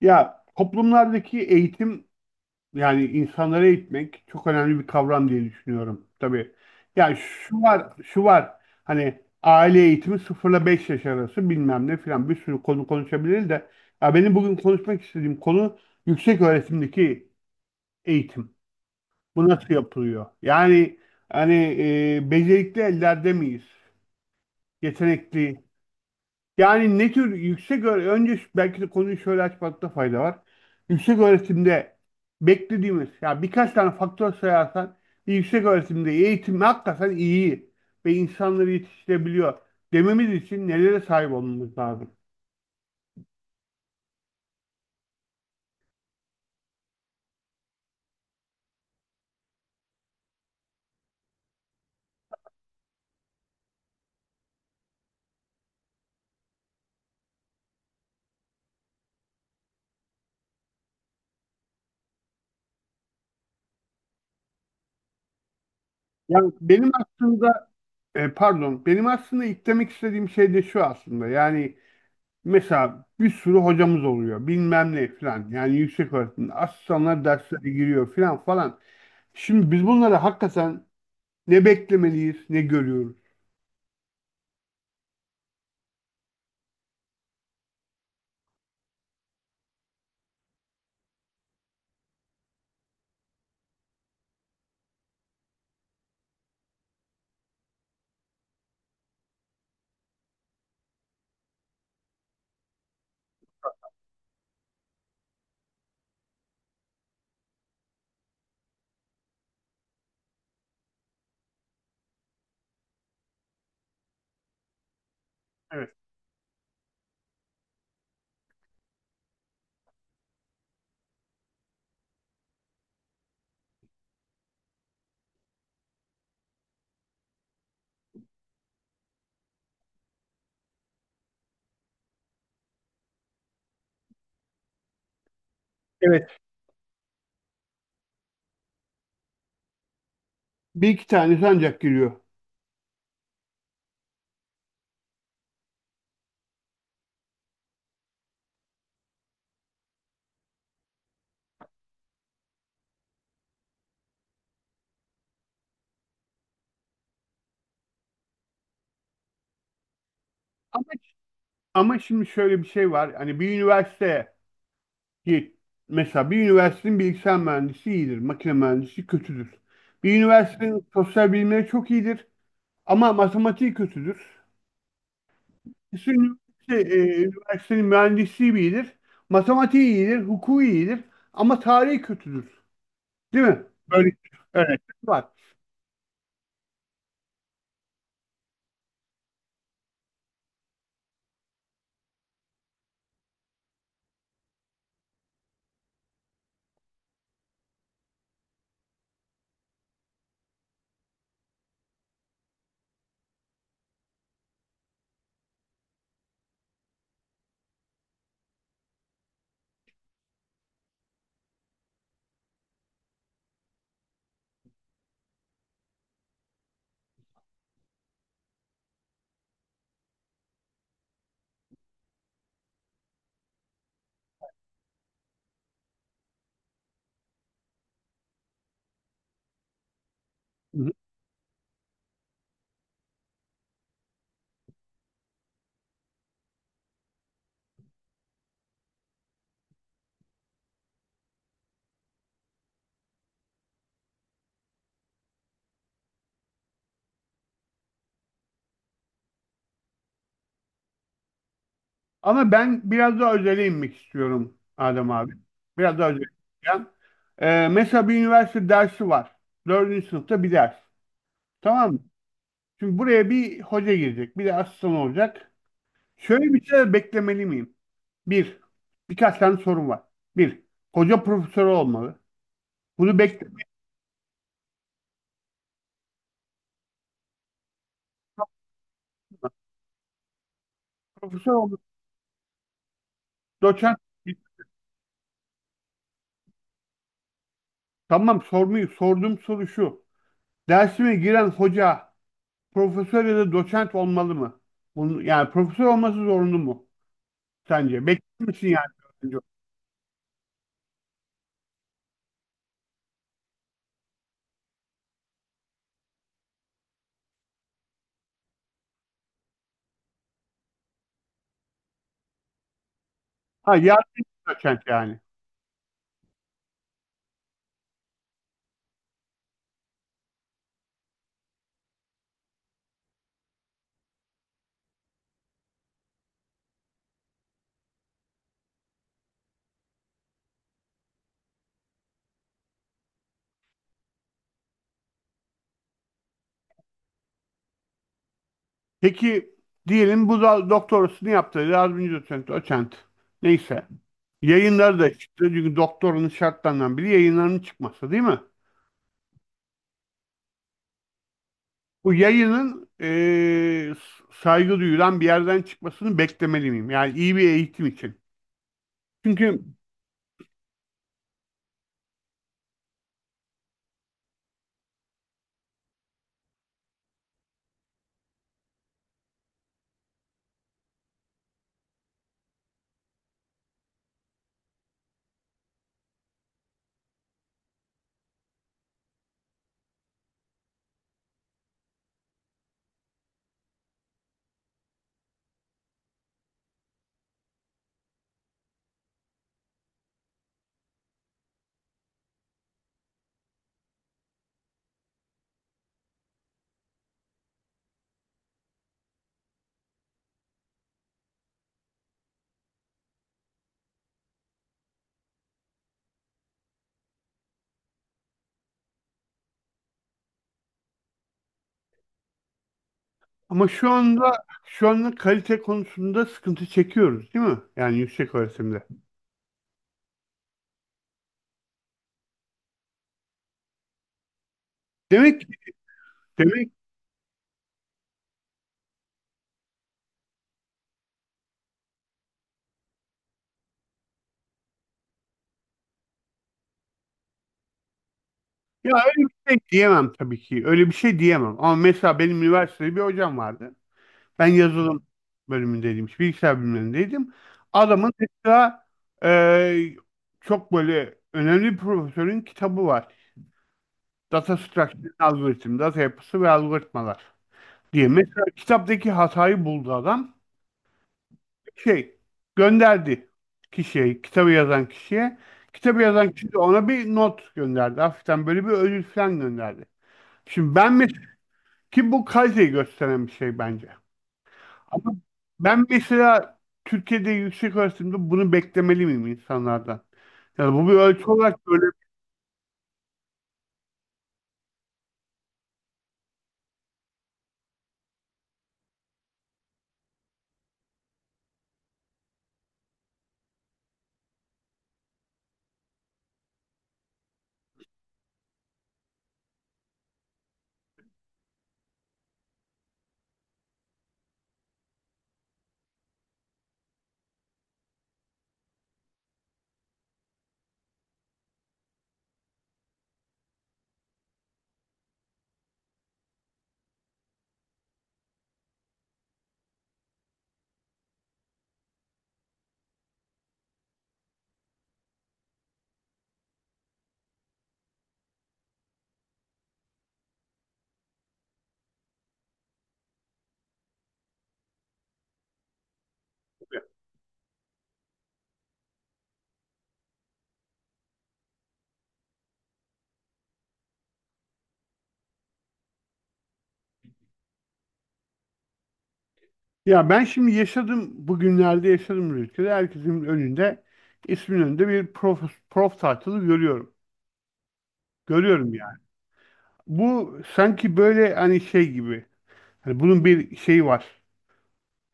Ya toplumlardaki eğitim, yani insanları eğitmek, çok önemli bir kavram diye düşünüyorum tabii. Ya şu var, şu var. Hani aile eğitimi, 0 ile 5 yaş arası, bilmem ne filan, bir sürü konu konuşabiliriz de ya benim bugün konuşmak istediğim konu yüksek öğretimdeki eğitim. Bu nasıl yapılıyor? Yani hani, becerikli ellerde miyiz? Yetenekli. Yani ne tür yüksek öğre- önce şu- belki de konuyu şöyle açmakta fayda var. Yüksek öğretimde beklediğimiz, ya birkaç tane faktör sayarsan, bir yüksek öğretimde eğitim hakikaten iyi ve insanları yetiştirebiliyor dememiz için nelere sahip olmamız lazım? Yani benim aslında, pardon, benim aslında eklemek istediğim şey de şu aslında, yani mesela bir sürü hocamız oluyor bilmem ne falan, yani yüksek öğretimde asistanlar derslere giriyor filan falan. Şimdi biz bunları hakikaten, ne beklemeliyiz, ne görüyoruz. Evet. Evet. Bir iki tanesi ancak giriyor. Ama, ama şimdi şöyle bir şey var. Hani bir üniversite ki, mesela bir üniversitenin bilgisayar mühendisi iyidir, makine mühendisi kötüdür. Bir üniversitenin sosyal bilimleri çok iyidir ama matematiği kötüdür. Kesin üniversitenin mühendisliği iyidir, matematiği iyidir, hukuku iyidir ama tarihi kötüdür. Değil mi? Böyle örnekler var. Ama ben biraz daha özele inmek istiyorum Adem abi. Biraz daha özele ineceğim. Mesela bir üniversite dersi var. Dördüncü sınıfta bir ders. Tamam mı? Şimdi buraya bir hoca girecek. Bir de asistan olacak. Şöyle bir şey beklemeli miyim? Bir, birkaç tane sorun var. Bir, hoca profesörü olmalı. Bunu beklemeyi, profesör olmalı. Doçent. Tamam, sormuyor. Sorduğum soru şu: Dersime giren hoca profesör ya da doçent olmalı mı? Bunu, yani profesör olması zorunlu mu, sence? Bekliyor musun yani, öğrenci olarak? Ha, yardımcı doçent yani. Peki, diyelim bu da doktorasını yaptı. Yardımcı doçent, doçent. Neyse. Yayınları da çıktı. Çünkü doktorunun şartlarından biri yayınlarının çıkması, değil mi? Bu yayının, saygı duyulan bir yerden çıkmasını beklemeli miyim? Yani iyi bir eğitim için. Çünkü, ama şu anda kalite konusunda sıkıntı çekiyoruz, değil mi? Yani yüksek öğretimde. Demek ki, demek... Ya, öyle bir şey diyemem tabii ki. Öyle bir şey diyemem. Ama mesela benim üniversitede bir hocam vardı. Ben yazılım bölümündeydim, işte bilgisayar bölümündeydim. Adamın mesela, e, çok böyle önemli bir profesörün kitabı var. Data Structure and Algorithm, Data Yapısı ve Algoritmalar diye. Mesela kitaptaki hatayı buldu adam. Şey, gönderdi kişiye, kitabı yazan kişiye. Kitabı yazan kişi de ona bir not gönderdi. Hafiften böyle bir ödül falan gönderdi. Şimdi ben mesela, ki bu kaliteyi gösteren bir şey bence. Ama ben mesela, Türkiye'de yüksek öğretimde bunu beklemeli miyim insanlardan? Yani bu bir ölçü olarak böyle. Ya ben şimdi yaşadım, bugünlerde yaşadım bu ülkede. Herkesin önünde, ismin önünde bir prof title'ı görüyorum. Görüyorum yani. Bu sanki böyle, hani şey gibi. Hani bunun bir şeyi var.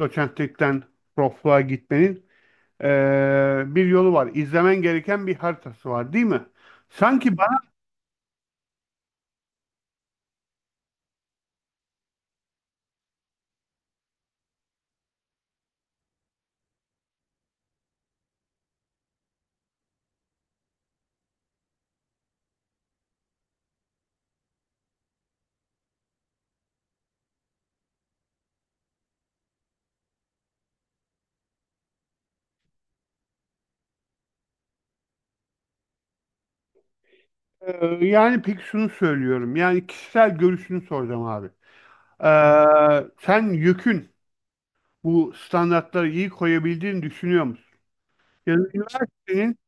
Doçentlikten profluğa gitmenin bir yolu var. İzlemen gereken bir haritası var, değil mi? Sanki. Yani peki, şunu söylüyorum. Yani kişisel görüşünü soracağım abi. Sen yükün bu standartları iyi koyabildiğini düşünüyor musun? Yani üniversitenin,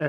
e,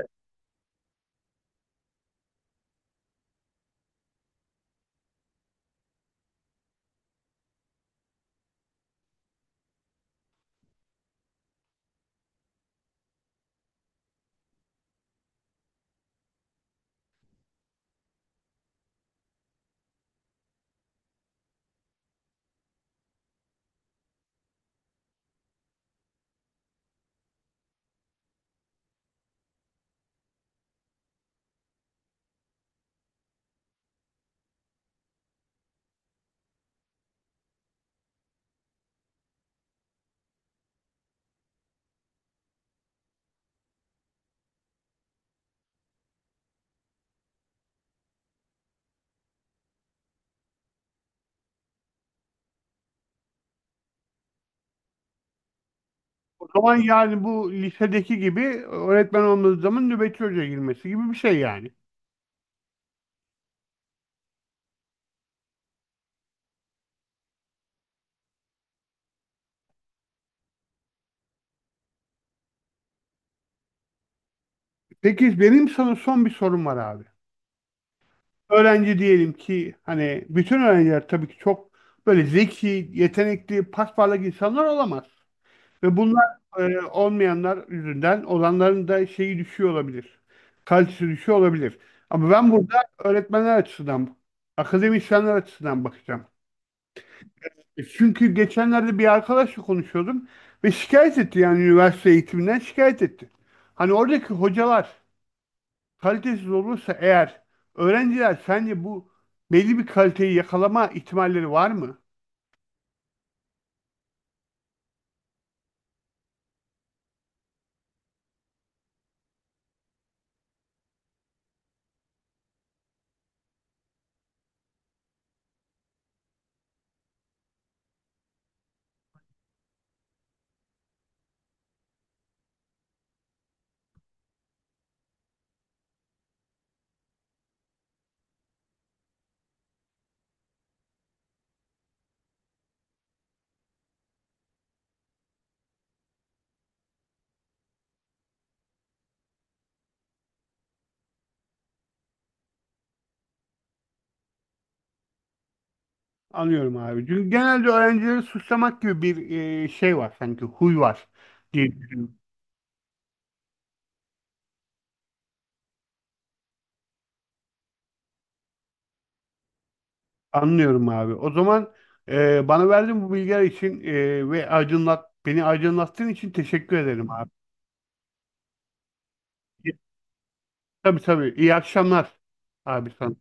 o zaman yani bu lisedeki gibi öğretmen olmadığı zaman nöbetçi hocaya girmesi gibi bir şey yani. Peki, benim sana son bir sorum var abi. Öğrenci, diyelim ki hani bütün öğrenciler tabii ki çok böyle zeki, yetenekli, pasparlak insanlar olamaz. Ve bunlar, olmayanlar yüzünden olanların da şeyi düşüyor olabilir. Kalitesi düşüyor olabilir. Ama ben burada öğretmenler açısından, akademisyenler açısından bakacağım. Çünkü geçenlerde bir arkadaşla konuşuyordum ve şikayet etti, yani üniversite eğitiminden şikayet etti. Hani oradaki hocalar kalitesiz olursa eğer, öğrenciler sence bu belli bir kaliteyi yakalama ihtimalleri var mı? Anlıyorum abi. Çünkü genelde öğrencileri suçlamak gibi bir, şey var sanki, huy var diye düşünüyorum. Anlıyorum abi. O zaman, bana verdiğin bu bilgiler için, ve beni aydınlattığın için teşekkür ederim abi. Tabii tabii. İyi akşamlar abi sana.